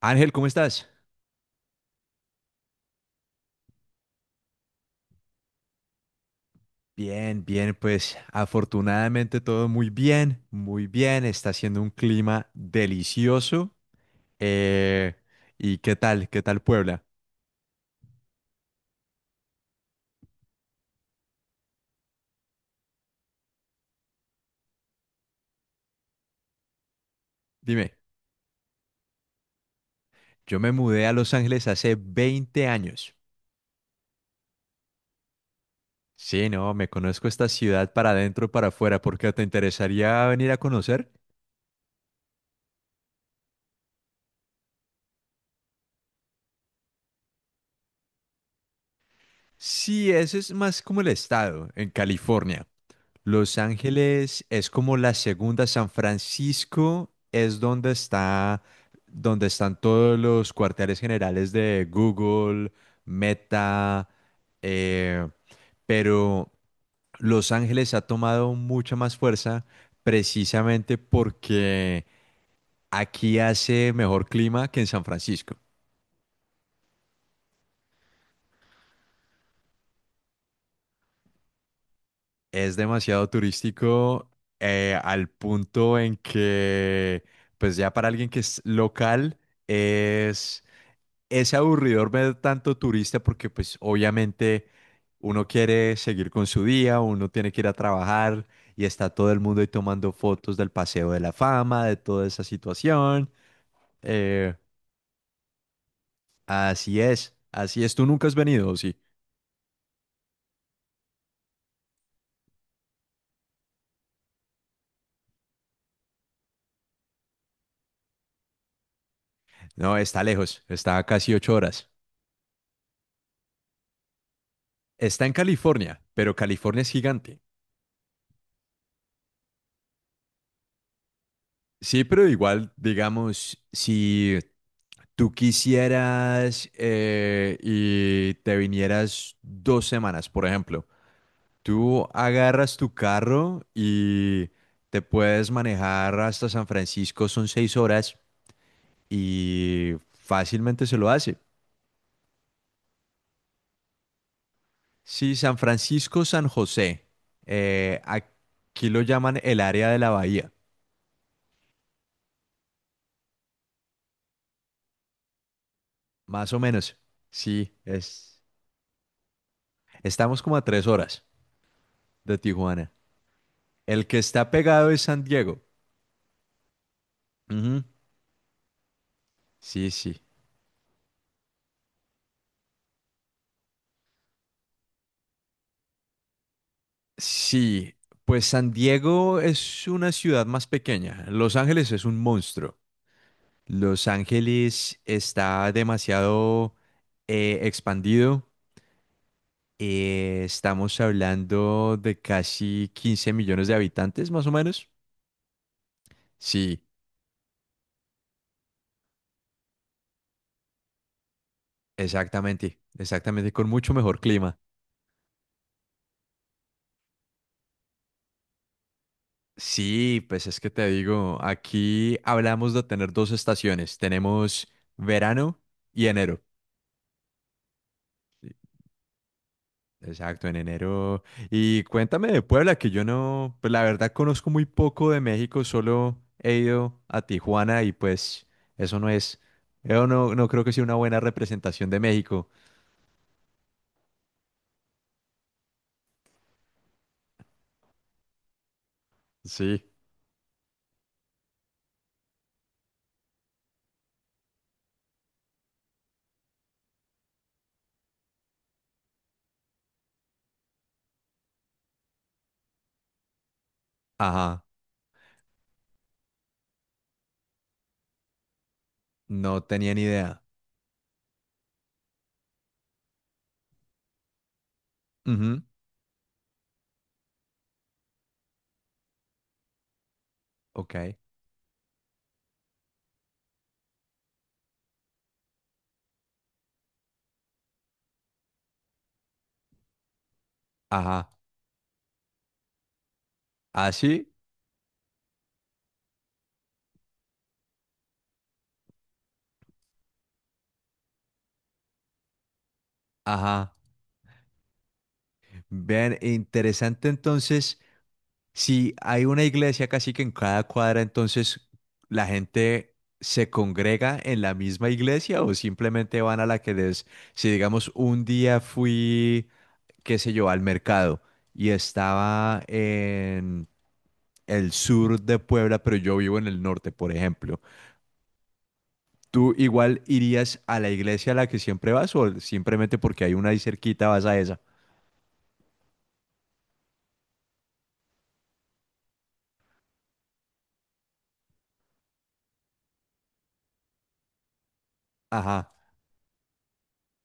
Ángel, ¿cómo estás? Bien, bien, pues afortunadamente todo muy bien, muy bien. Está haciendo un clima delicioso. Eh, ¿Y qué tal? ¿Qué tal Puebla? Dime, yo me mudé a Los Ángeles hace 20 años. Sí, no, me conozco esta ciudad para adentro, para afuera, ¿por qué te interesaría venir a conocer? Sí, ese es más como el estado, en California. Los Ángeles es como la segunda, San Francisco es donde está, donde están todos los cuarteles generales de Google, Meta, eh, pero Los Ángeles ha tomado mucha más fuerza precisamente porque aquí hace mejor clima que en San Francisco. Es demasiado turístico al punto en que, pues ya para alguien que es local, es es aburridor ver tanto turista porque pues obviamente uno quiere seguir con su día, uno tiene que ir a trabajar y está todo el mundo ahí tomando fotos del Paseo de la Fama, de toda esa situación. Eh, así es, así es. ¿Tú nunca has venido, o sí? No, está lejos, está a casi 8 horas. Está en California, pero California es gigante. Sí, pero igual, digamos, si tú quisieras y te vinieras 2 semanas, por ejemplo, tú agarras tu carro y te puedes manejar hasta San Francisco, son 6 horas y fácilmente se lo hace. Sí, San Francisco, San José, aquí lo llaman el área de la bahía, más o menos. Sí, es, estamos como a 3 horas de Tijuana. El que está pegado es San Diego. Ujú, sí, sí. Sí, pues San Diego es una ciudad más pequeña. Los Ángeles es un monstruo. Los Ángeles está demasiado expandido. Estamos hablando de casi 15 millones de habitantes, más o menos. Sí, exactamente, exactamente, con mucho mejor clima. Sí, pues es que te digo, aquí hablamos de tener dos estaciones. Tenemos verano y enero. Exacto, en enero. Y cuéntame de Puebla, que yo no, pues la verdad conozco muy poco de México, solo he ido a Tijuana y pues eso no es, yo no, no creo que sea una buena representación de México. Sí. Ajá, no tenía ni idea. Ujú, ok, ajá, así, ajá. Vean, interesante entonces. Si hay una iglesia casi que en cada cuadra, entonces la gente se congrega en la misma iglesia o simplemente van a la que les, si digamos un día fui, qué sé yo, al mercado y estaba en el sur de Puebla, pero yo vivo en el norte, por ejemplo. ¿Tú igual irías a la iglesia a la que siempre vas o simplemente porque hay una ahí cerquita vas a esa? Ajá,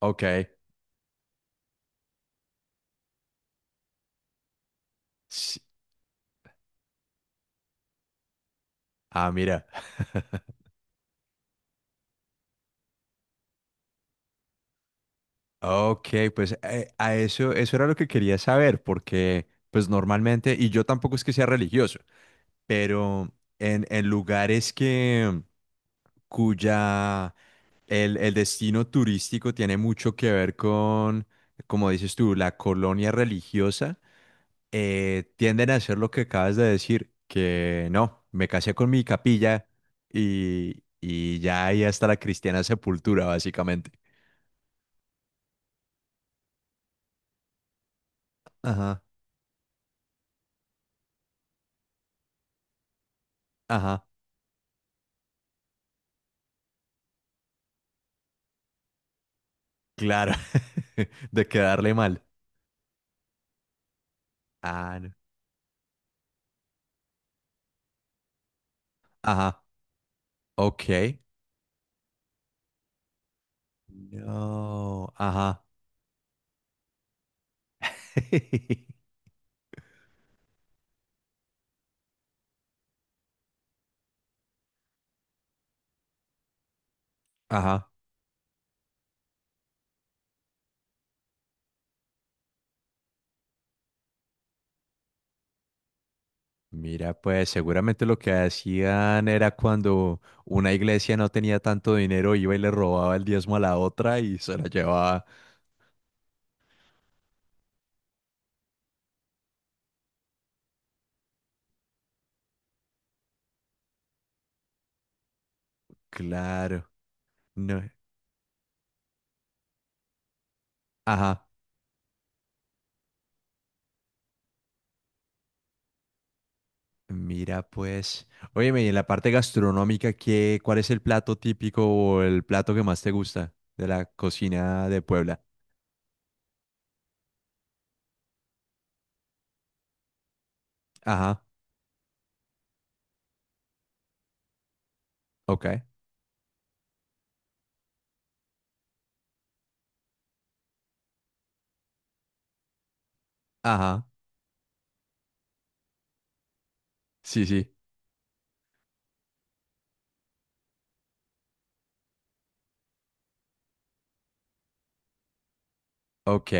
ok. Sí. Ah, mira. Ok, pues a eso, eso era lo que quería saber, porque pues normalmente, y yo tampoco es que sea religioso, pero en lugares que cuya el destino turístico tiene mucho que ver con, como dices tú, la colonia religiosa, tienden a hacer lo que acabas de decir, que no, me casé con mi capilla y ya ahí hasta la cristiana sepultura, básicamente. Ajá, ajá. Claro, de quedarle mal. Ah, no. Ajá, ok. No, ajá. Ajá. Mira, pues seguramente lo que hacían era cuando una iglesia no tenía tanto dinero, iba y le robaba el diezmo a la otra y se la llevaba. Claro, no. Ajá. Mira, pues. Óyeme, y en la parte gastronómica, ¿qué, cuál es el plato típico o el plato que más te gusta de la cocina de Puebla? Ajá, ok. Ajá. Sí, sí. Ok.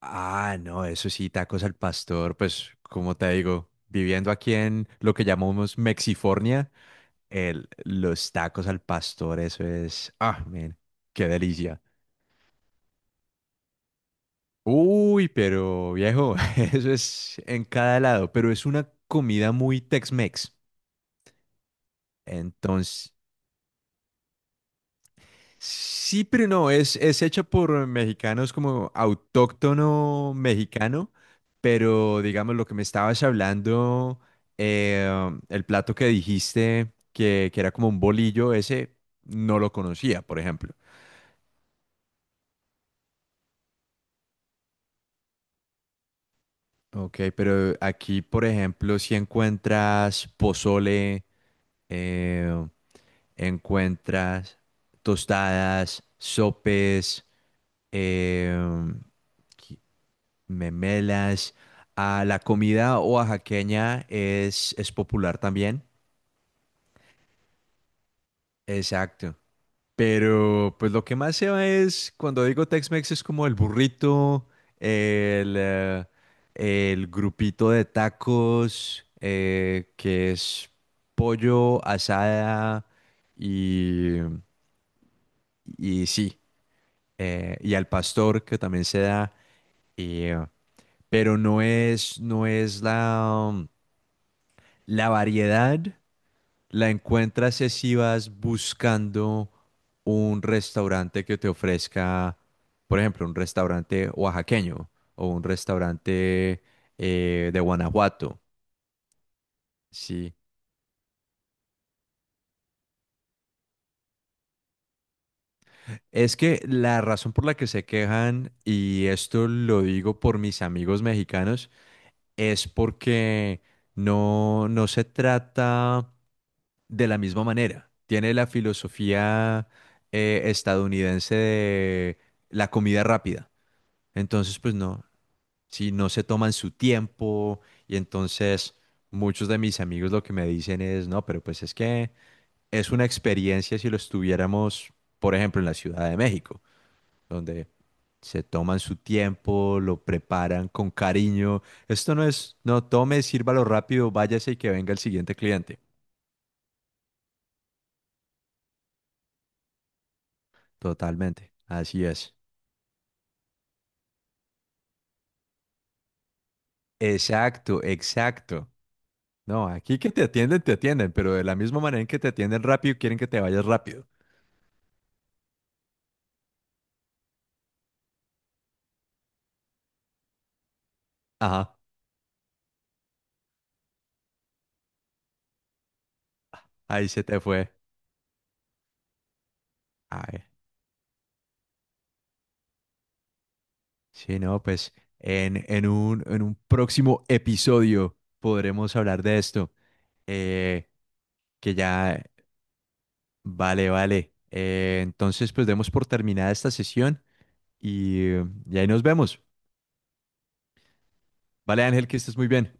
Ah, no, eso sí, tacos al pastor. Pues, como te digo, viviendo aquí en lo que llamamos Mexifornia, los tacos al pastor, eso es. Ah, man, qué delicia. Uy, pero viejo, eso es en cada lado, pero es una comida muy Tex-Mex. Entonces, sí, pero no, es hecha por mexicanos como autóctono mexicano, pero digamos lo que me estabas hablando, eh, el plato que dijiste que era como un bolillo, ese no lo conocía, por ejemplo. Ok, pero aquí, por ejemplo, si encuentras pozole, eh, encuentras tostadas, sopes, eh, memelas. A la comida oaxaqueña es popular también. Exacto. Pero pues lo que más se ve es, cuando digo Tex-Mex, es como el burrito, el, eh, el grupito de tacos, que es pollo, asada y, y sí, y al pastor que también se da. y, eh, pero no es, no es la, la variedad. La encuentras es si vas buscando un restaurante que te ofrezca, por ejemplo, un restaurante oaxaqueño o un restaurante de Guanajuato, ¿sí? Es que la razón por la que se quejan, y esto lo digo por mis amigos mexicanos, es porque no, no se trata de la misma manera. Tiene la filosofía estadounidense de la comida rápida. Entonces, pues no, si no se toman su tiempo y entonces muchos de mis amigos lo que me dicen es, no, pero pues es que es una experiencia si lo estuviéramos, por ejemplo, en la Ciudad de México, donde se toman su tiempo, lo preparan con cariño. Esto no es, no tome, sírvalo rápido, váyase y que venga el siguiente cliente. Totalmente, así es. Exacto, exacto. No, aquí que te atienden, pero de la misma manera en que te atienden rápido, quieren que te vayas rápido. Ajá. Ahí se te fue. Ay, sí, no, pues en un próximo episodio podremos hablar de esto. eh, que ya, vale, vale. Entonces, pues demos por terminada esta sesión y, eh, y ahí nos vemos. Vale, Ángel, que estés muy bien.